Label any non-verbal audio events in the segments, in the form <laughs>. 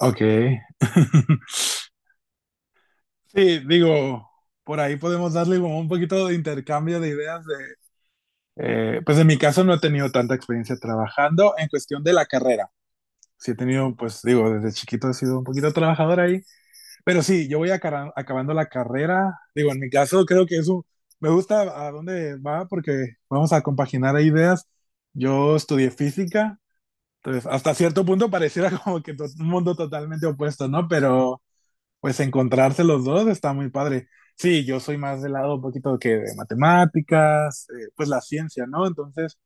Ok. <laughs> Sí, digo, por ahí podemos darle como un poquito de intercambio de ideas de, pues en mi caso no he tenido tanta experiencia trabajando en cuestión de la carrera. Sí he tenido, pues digo, desde chiquito he sido un poquito trabajador ahí, pero sí, yo voy acabando la carrera. Digo, en mi caso creo que eso me gusta a dónde va porque vamos a compaginar ahí ideas. Yo estudié física, entonces hasta cierto punto pareciera <laughs> como que un mundo totalmente opuesto, ¿no? Pero pues encontrarse los dos está muy padre. Sí, yo soy más del lado un poquito que de matemáticas, pues la ciencia, ¿no? Entonces,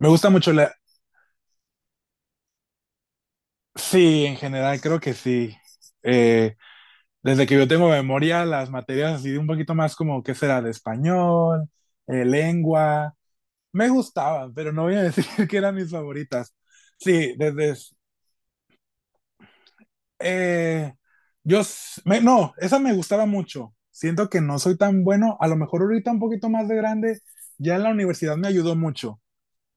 me gusta mucho la. Sí, en general creo que sí. Eh, Desde que yo tengo memoria, las materias así de un poquito más como, ¿qué será? De español, lengua. Me gustaban, pero no voy a decir <laughs> que eran mis favoritas. Sí, desde eh, yo, s- me- no, esa me gustaba mucho. Siento que no soy tan bueno. A lo mejor ahorita un poquito más de grande, ya en la universidad me ayudó mucho,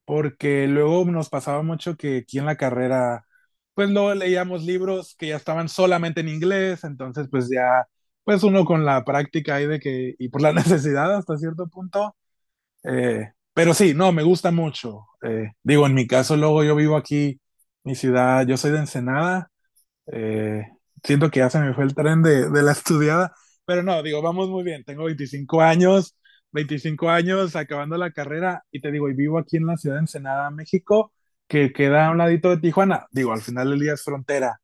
porque luego nos pasaba mucho que aquí en la carrera, pues luego leíamos libros que ya estaban solamente en inglés, entonces pues ya, pues uno con la práctica ahí de que, y por la <laughs> necesidad hasta cierto punto, pero sí, no, me gusta mucho. Digo, en mi caso luego yo vivo aquí, mi ciudad, yo soy de Ensenada. Eh, Siento que ya se me fue el tren de, la estudiada, pero no, digo, vamos muy bien. Tengo 25 años, 25 años acabando la carrera y te digo, y vivo aquí en la ciudad de Ensenada, México, que queda a un ladito de Tijuana. Digo, al final del día es frontera.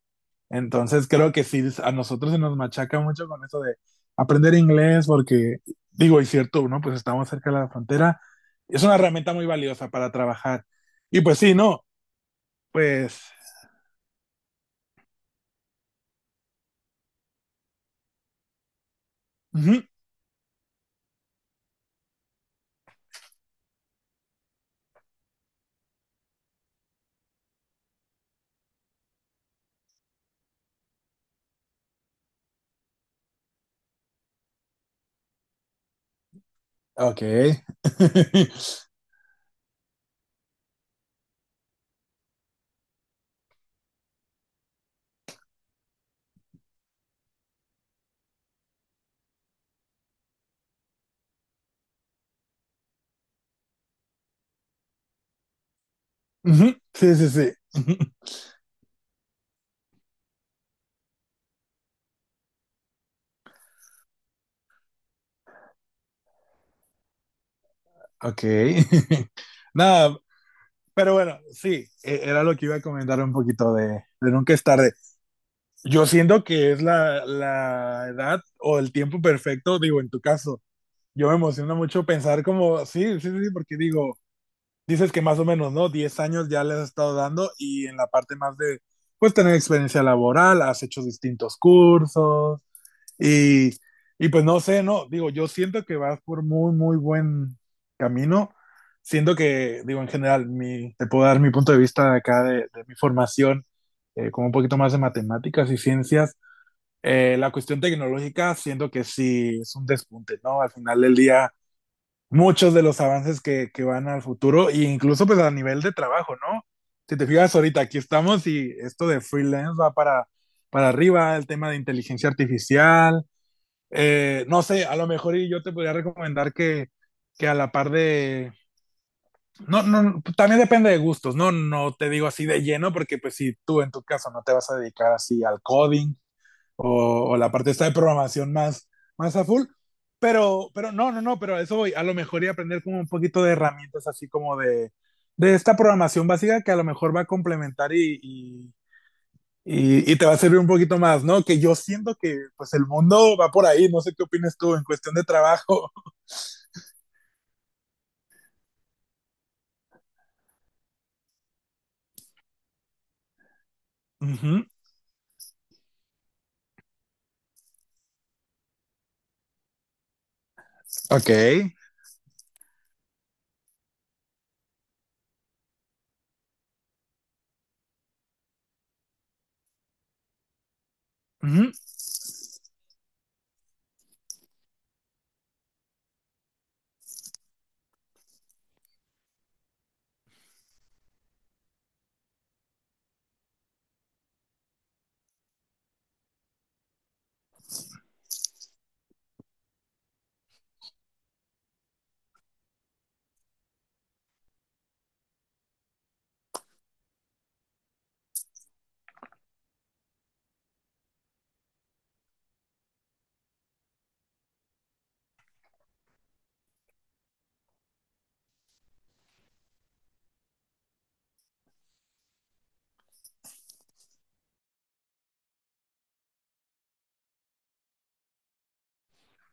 Entonces creo que sí, a nosotros se nos machaca mucho con eso de aprender inglés, porque digo, y cierto, ¿no? Pues estamos cerca de la frontera. Es una herramienta muy valiosa para trabajar. Y pues sí, no, pues. Ujú, ok. <laughs> Ujú, sí, sí, sí. <laughs> Ok. <laughs> Nada, pero bueno, sí, era lo que iba a comentar un poquito de nunca es tarde. Yo siento que es la edad o el tiempo perfecto, digo, en tu caso. Yo me emociona mucho pensar como, sí, sí, sí, porque digo, dices que más o menos, ¿no? 10 años ya les has estado dando y en la parte más de, pues, tener experiencia laboral, has hecho distintos cursos, Y, pues no sé, no, digo, yo siento que vas por muy, muy buen camino. Siento que, digo, en general, te puedo dar mi punto de vista de acá de, mi formación, como un poquito más de matemáticas y ciencias. La cuestión tecnológica, siento que sí es un despunte, ¿no? Al final del día, muchos de los avances que van al futuro, e incluso pues a nivel de trabajo, ¿no? Si te fijas ahorita, aquí estamos y esto de freelance va para, arriba, el tema de inteligencia artificial, no sé, a lo mejor y yo te podría recomendar que, a la par de. No, no, también depende de gustos, ¿no? No te digo así de lleno, porque pues si tú en tu caso no te vas a dedicar así al coding o la parte esta de programación más a full, pero, no, no, no, pero a eso voy, a lo mejor y aprender como un poquito de herramientas así como de, esta programación básica que a lo mejor va a complementar y te va a servir un poquito más, ¿no? Que yo siento que pues el mundo va por ahí, no sé qué opinas tú en cuestión de trabajo. <laughs> Ujú, ok. Ujú.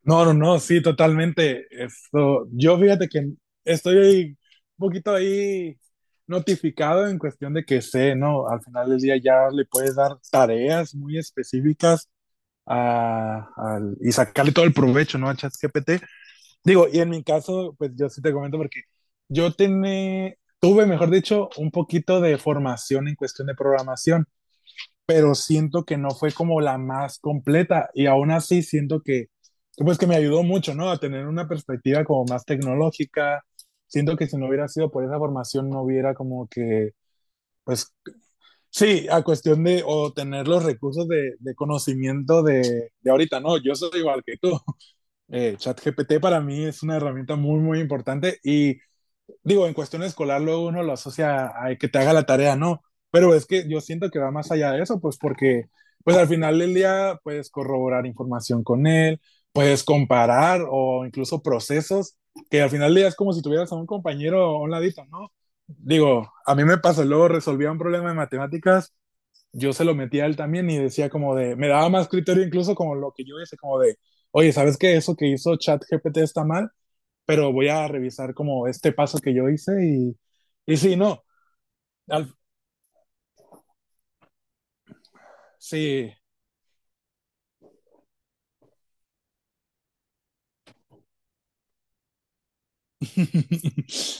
No, no, no, sí, totalmente. Esto, yo fíjate que estoy un poquito ahí notificado en cuestión de que sé, ¿no? Al final del día ya le puedes dar tareas muy específicas y sacarle todo el provecho, ¿no? A ChatGPT. Digo, y en mi caso, pues yo sí te comento porque yo tuve, mejor dicho, un poquito de formación en cuestión de programación, pero siento que no fue como la más completa y aún así siento que, pues que me ayudó mucho, ¿no? A tener una perspectiva como más tecnológica. Siento que si no hubiera sido por esa formación, no hubiera como que, pues sí, a cuestión de o tener los recursos de, conocimiento de, ahorita, ¿no? Yo soy igual que tú. ChatGPT para mí es una herramienta muy, muy importante y digo, en cuestión escolar luego uno lo asocia a que te haga la tarea, no, pero es que yo siento que va más allá de eso, pues porque pues al final del día puedes corroborar información con él, puedes comparar o incluso procesos, que al final del día es como si tuvieras a un compañero a un ladito, ¿no? Digo, a mí me pasó, luego resolvía un problema de matemáticas yo se lo metía a él también y decía como de, me daba más criterio incluso como lo que yo hice, como de, oye, ¿sabes qué? Eso que hizo ChatGPT está mal, pero voy a revisar como este paso que yo hice y sí, no, al, sí, <laughs>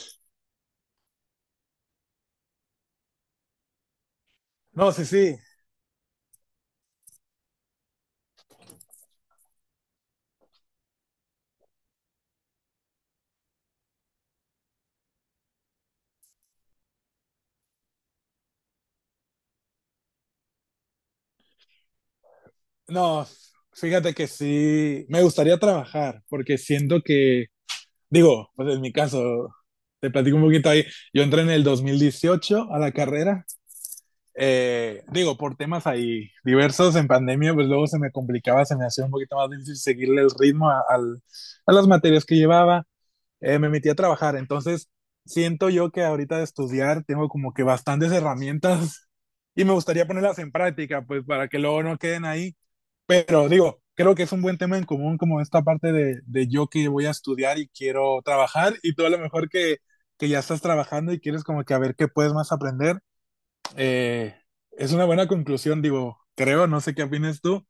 no, sí, sí, no, fíjate que sí, me gustaría trabajar porque siento que, digo, pues en mi caso, te platico un poquito ahí, yo entré en el 2018 a la carrera, digo, por temas ahí diversos en pandemia, pues luego se me complicaba, se me hacía un poquito más difícil seguirle el ritmo a las materias que llevaba, me metí a trabajar, entonces siento yo que ahorita de estudiar tengo como que bastantes herramientas <laughs> y me gustaría ponerlas en práctica, pues para que luego no queden ahí, pero digo, creo que es un buen tema en común como esta parte de yo que voy a estudiar y quiero trabajar y tú a lo mejor que, ya estás trabajando y quieres como que a ver qué puedes más aprender, eh, es una buena conclusión, digo, creo, no sé qué opinas tú,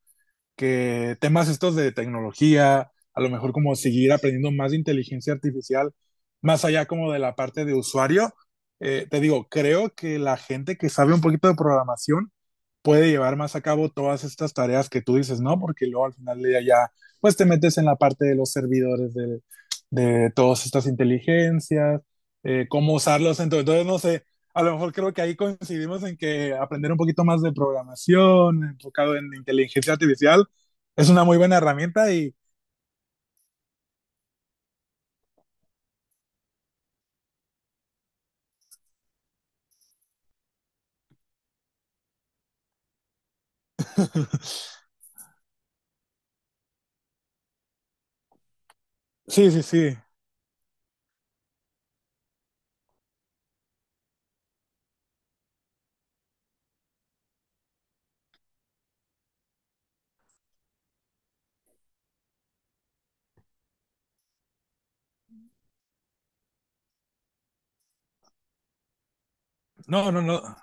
que temas estos de tecnología, a lo mejor como seguir aprendiendo más de inteligencia artificial, más allá como de la parte de usuario, te digo, creo que la gente que sabe un poquito de programación puede llevar más a cabo todas estas tareas que tú dices, ¿no? Porque luego al final del día ya, pues te metes en la parte de los servidores de, todas estas inteligencias, cómo usarlos. Entonces, no sé, a lo mejor creo que ahí coincidimos en que aprender un poquito más de programación, enfocado en inteligencia artificial, es una muy buena herramienta y sí, sí, sí. No, no, no.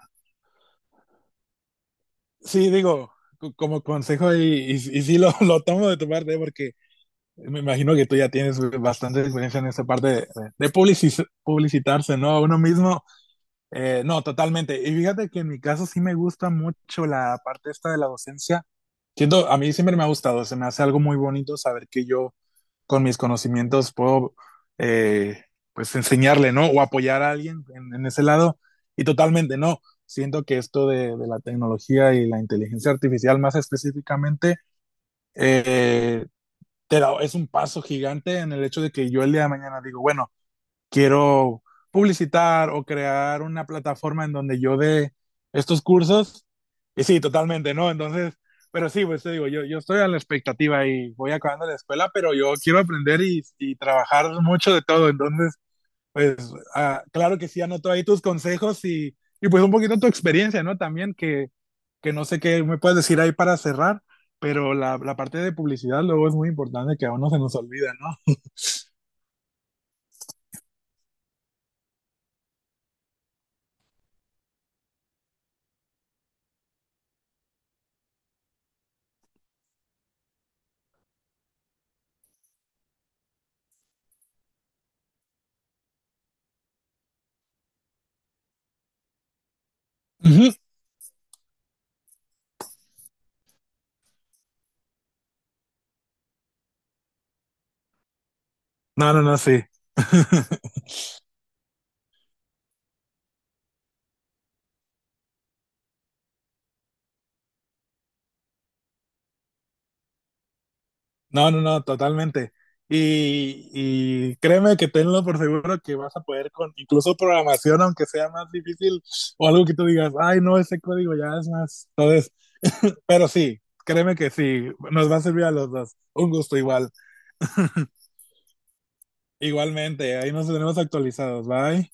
Sí, digo, como consejo y sí lo, <laughs> lo, tomo de tu parte porque me imagino que tú ya tienes bastante experiencia en esa parte de, publicitarse, ¿no? A uno mismo. No, totalmente. Y fíjate que en mi caso sí me gusta mucho la parte esta de la docencia. Siento, a mí siempre me ha gustado, se me hace algo muy bonito saber que yo con mis conocimientos puedo eh, pues enseñarle, ¿no? O apoyar a alguien en ese lado. Y totalmente, no. Siento que esto de, la tecnología y la inteligencia artificial más específicamente, eh, te da, es un paso gigante en el hecho de que yo el día de mañana digo, bueno, quiero publicitar o crear una plataforma en donde yo dé estos cursos. Y sí, totalmente, ¿no? Entonces, pero sí, pues te digo, yo estoy a la expectativa y voy acabando la escuela, pero yo quiero aprender y trabajar mucho de todo. Entonces, pues ah, claro que sí, anoto ahí tus consejos y pues un poquito tu experiencia, ¿no? También que no sé qué me puedes decir ahí para cerrar, pero la parte de publicidad luego es muy importante que a uno se nos olvida, ¿no? Ujú. No, no, no, sí. No, no, no, totalmente. Y créeme que tenlo por seguro que vas a poder con incluso programación, aunque sea más difícil o algo que tú digas, ay, no, ese código ya es más. Entonces, pero sí, créeme que sí, nos va a servir a los dos. Un gusto igual. Igualmente, ahí nos tenemos actualizados. Bye.